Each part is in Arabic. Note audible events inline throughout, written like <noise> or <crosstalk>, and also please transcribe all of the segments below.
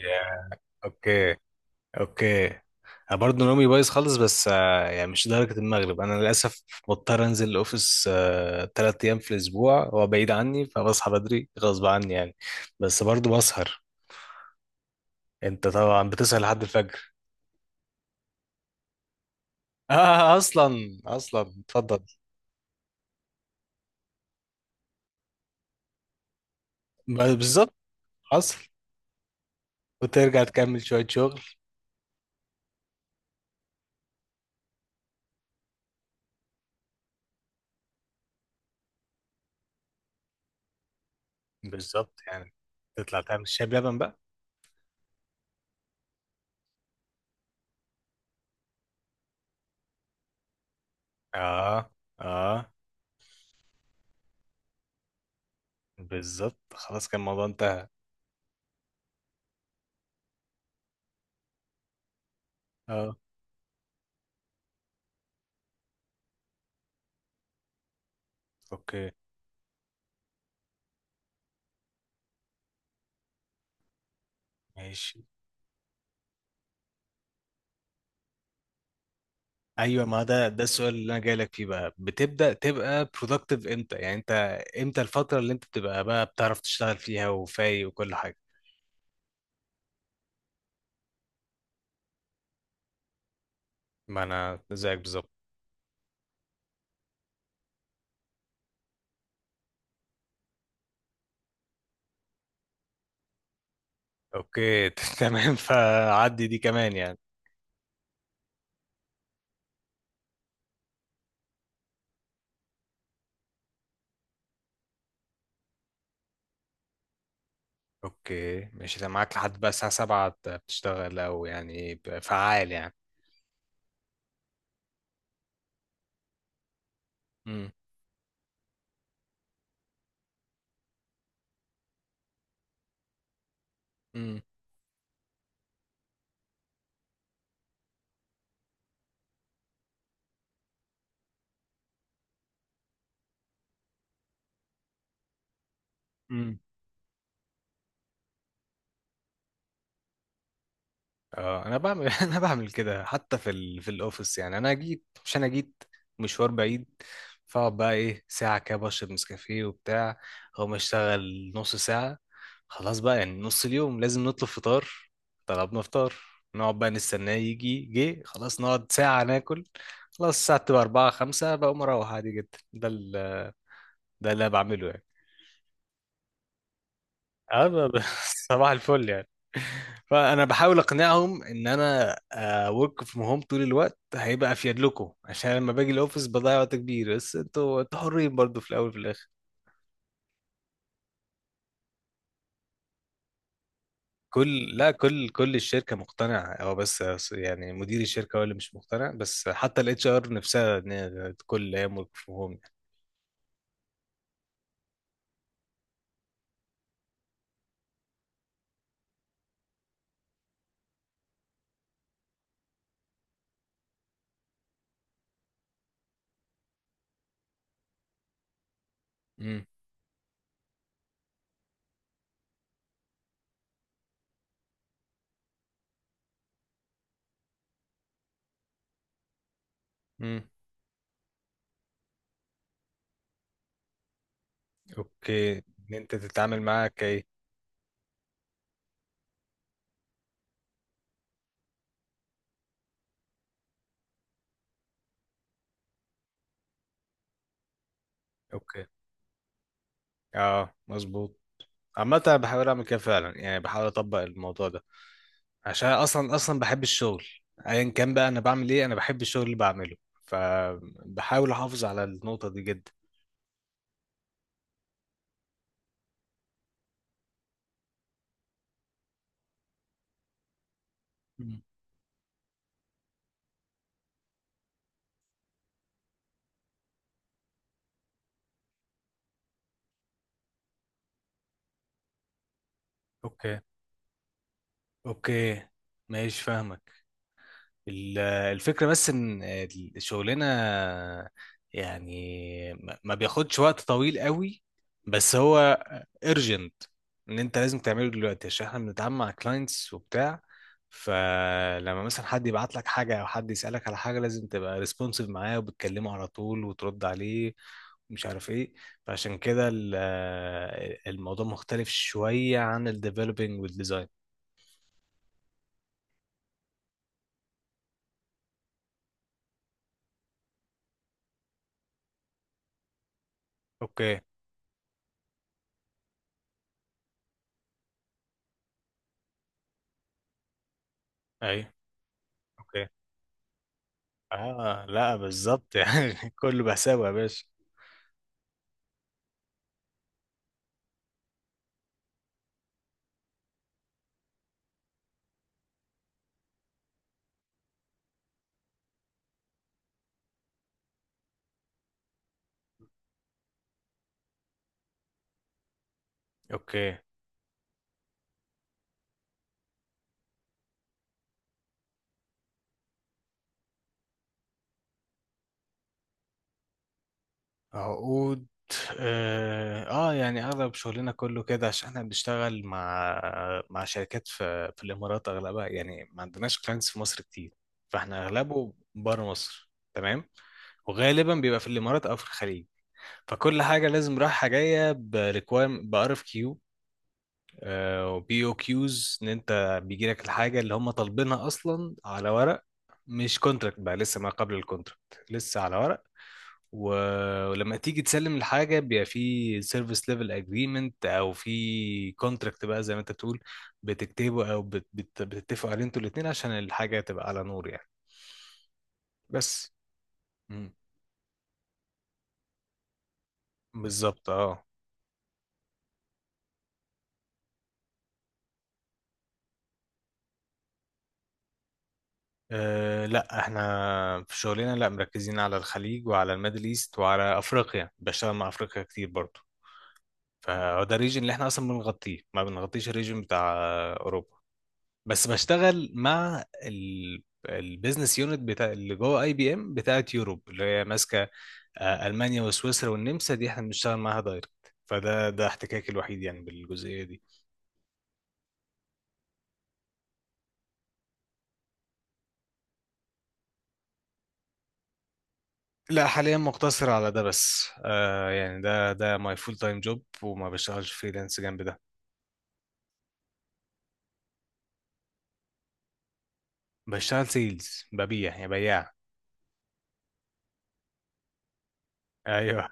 ياه. اوكي، اوكي، انا برضه نومي بايظ خالص، بس يعني مش لدرجه المغرب. انا للاسف بضطر انزل الاوفيس 3 ايام في الاسبوع، هو بعيد عني، فبصحى بدري غصب عني يعني. بس برضه بسهر. انت طبعا بتسهر لحد الفجر؟ <laughs> آه، اصلا اصلا اتفضل. ب- بالظبط، حصل. وترجع تكمل شويه شغل. بالظبط يعني، تطلع تعمل شاي بلبن بقى. اه، اه، بالظبط، خلاص كان الموضوع انتهى. اه، اوكي، ماشي. ايوه، ما ده السؤال اللي انا جاي لك فيه بقى، بتبدا تبقى productive امتى يعني انت؟ امتى الفتره اللي انت بتبقى بقى بتعرف تشتغل فيها وفايق وكل حاجه؟ ما انا زيك بالظبط. اوكي. <laughs> تمام، فعدي دي كمان يعني. اوكي، ماشي، ده معاك لحد بقى الساعه 7؟ بتشتغل او يعني فعال يعني؟ امم امم، امم. اه، انا بعمل <laughs> انا بعمل كده حتى في الاوفيس. يعني انا جيت مش انا جيت مشوار بعيد، فاقعد بقى ايه ساعه كده بشرب نسكافيه وبتاع، اقوم اشتغل نص ساعه، خلاص بقى يعني، نص اليوم لازم نطلب فطار. طلبنا فطار، نقعد بقى نستناه يجي، جه خلاص نقعد ساعه ناكل. خلاص الساعه تبقى 4، 5، بقوم اروح عادي جدا. ده اللي أنا بعمله يعني. اه، <laughs> صباح الفل يعني. فانا بحاول اقنعهم ان انا ورك فروم هوم طول الوقت هيبقى افيد لكم، عشان لما باجي الاوفيس بضيع وقت كبير. بس انتوا حرين برضو في الاول وفي الاخر. لا، كل الشركه مقتنعه، هو بس يعني مدير الشركه هو اللي مش مقتنع. بس حتى الاتش ار نفسها، ان هي كل ايام ورك فروم هوم. امم امم اوكي، ان انت تتعامل معاها كايه؟ اوكي، اه، مظبوط. عامة أنا بحاول أعمل كده فعلا يعني، بحاول أطبق الموضوع ده، عشان اصلا اصلا بحب الشغل. ايا كان بقى انا بعمل ايه، انا بحب الشغل اللي بعمله، فبحاول احافظ على النقطة دي جدا. مم. اوكي، اوكي، ماشي، فاهمك. الفكرة بس إن الشغلانة يعني ما بياخدش وقت طويل قوي، بس هو urgent، إن أنت لازم تعمله دلوقتي عشان إحنا بنتعامل مع clients وبتاع. فلما مثلا حد يبعت لك حاجة أو حد يسألك على حاجة، لازم تبقى responsive معاه وبتكلمه على طول وترد عليه، ومش عارف إيه. فعشان كده الموضوع مختلف شوية عن ال developing وال design. أوكي. أيوه. اه، لا بالظبط يعني، <laughs> كله بحسابه يا باشا. اوكي. عقود؟ اه، آه، يعني اغلب شغلنا كله كده، عشان احنا بنشتغل مع شركات في الامارات اغلبها يعني. ما عندناش كلاينتس في مصر كتير، فاحنا اغلبه بره مصر تمام، وغالبا بيبقى في الامارات او في الخليج. فكل حاجه لازم رايحه جايه بريكوام بار اف. وبي او كيوز، ان انت بيجي لك الحاجه اللي هم طالبينها اصلا على ورق، مش كونتراكت بقى لسه، ما قبل الكونتراكت لسه على ورق. ولما تيجي تسلم الحاجه، بيبقى في سيرفيس ليفل اجريمنت او في كونتراكت بقى زي ما انت بتقول، بتكتبه او بتتفقوا عليه انتوا الاثنين، عشان الحاجه تبقى على نور يعني. بس. مم. بالظبط، اه. أه، لا احنا في شغلنا لا، مركزين على الخليج وعلى الميدل ايست وعلى افريقيا، بشتغل مع افريقيا كتير برضه. فده الريجن اللي احنا اصلا بنغطيه، ما بنغطيش الريجن بتاع اوروبا. بس بشتغل مع البيزنس يونت بتاع اللي جوه اي بي ام بتاعت يوروب، اللي هي ماسكه المانيا وسويسرا والنمسا، دي احنا بنشتغل معاها دايركت. فده احتكاكي الوحيد يعني بالجزئيه دي. لا، حاليا مقتصر على ده بس. آه يعني، ده ماي فول تايم جوب، وما بشتغلش فريلانس جنب ده. بشتغل سيلز، ببيع يعني، بياع. ايوه.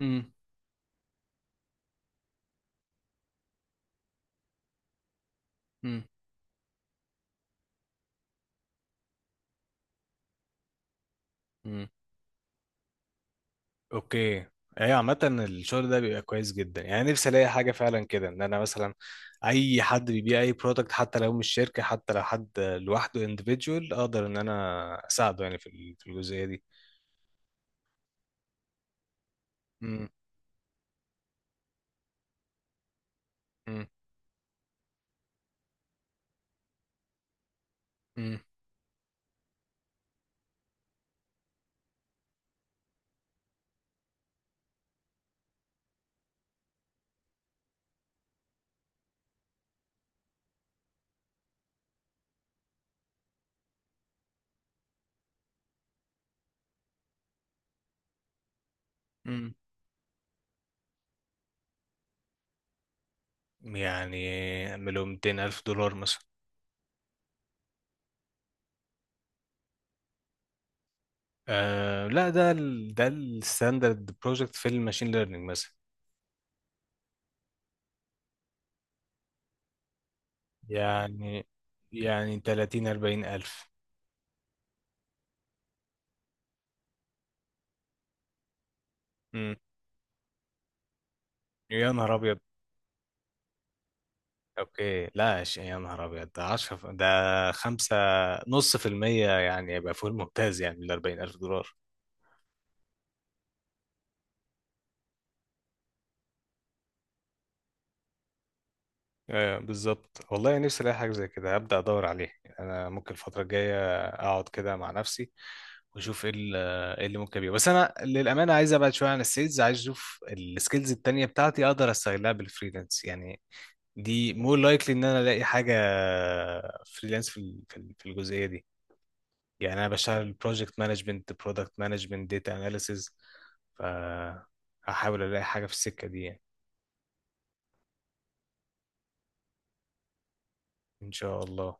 امم اوكي. ايوه. عامة الشغل ده بيبقى كويس جدا يعني، نفسي الاقي حاجة فعلا كده، ان انا مثلا اي حد بيبيع اي برودكت، حتى لو مش شركة، حتى لو حد لوحده individual، اقدر ان انا اساعده يعني في الجزئية دي. مم. مم. مم. مم. يعني اعمله 200 الف دولار مثلا. آه لا، ده الستاندرد بروجكت في الماشين ليرنينج مثلا. يعني يعني 30، 40 الف. مم. يا نهار ابيض. اوكي لا، يا نهار ابيض ده 10، ده 5، نص في المية يعني، يبقى فوق الممتاز يعني من 40 الف دولار. آه بالظبط والله، نفسي الاقي حاجه زي كده. هبدا ادور عليه، انا ممكن الفتره الجايه اقعد كده مع نفسي، واشوف ايه إيه اللي ممكن يبقى، بس انا للامانه عايز ابعد شويه عن السيلز. عايز اشوف السكيلز التانية بتاعتي، اقدر استغلها بالفريلانس يعني. دي مور لايكلي ان انا الاقي حاجه فريلانس في الجزئيه دي، يعني انا بشتغل بروجكت مانجمنت، برودكت مانجمنت، داتا اناليسز. فهحاول الاقي حاجه في السكه دي يعني. ان شاء الله.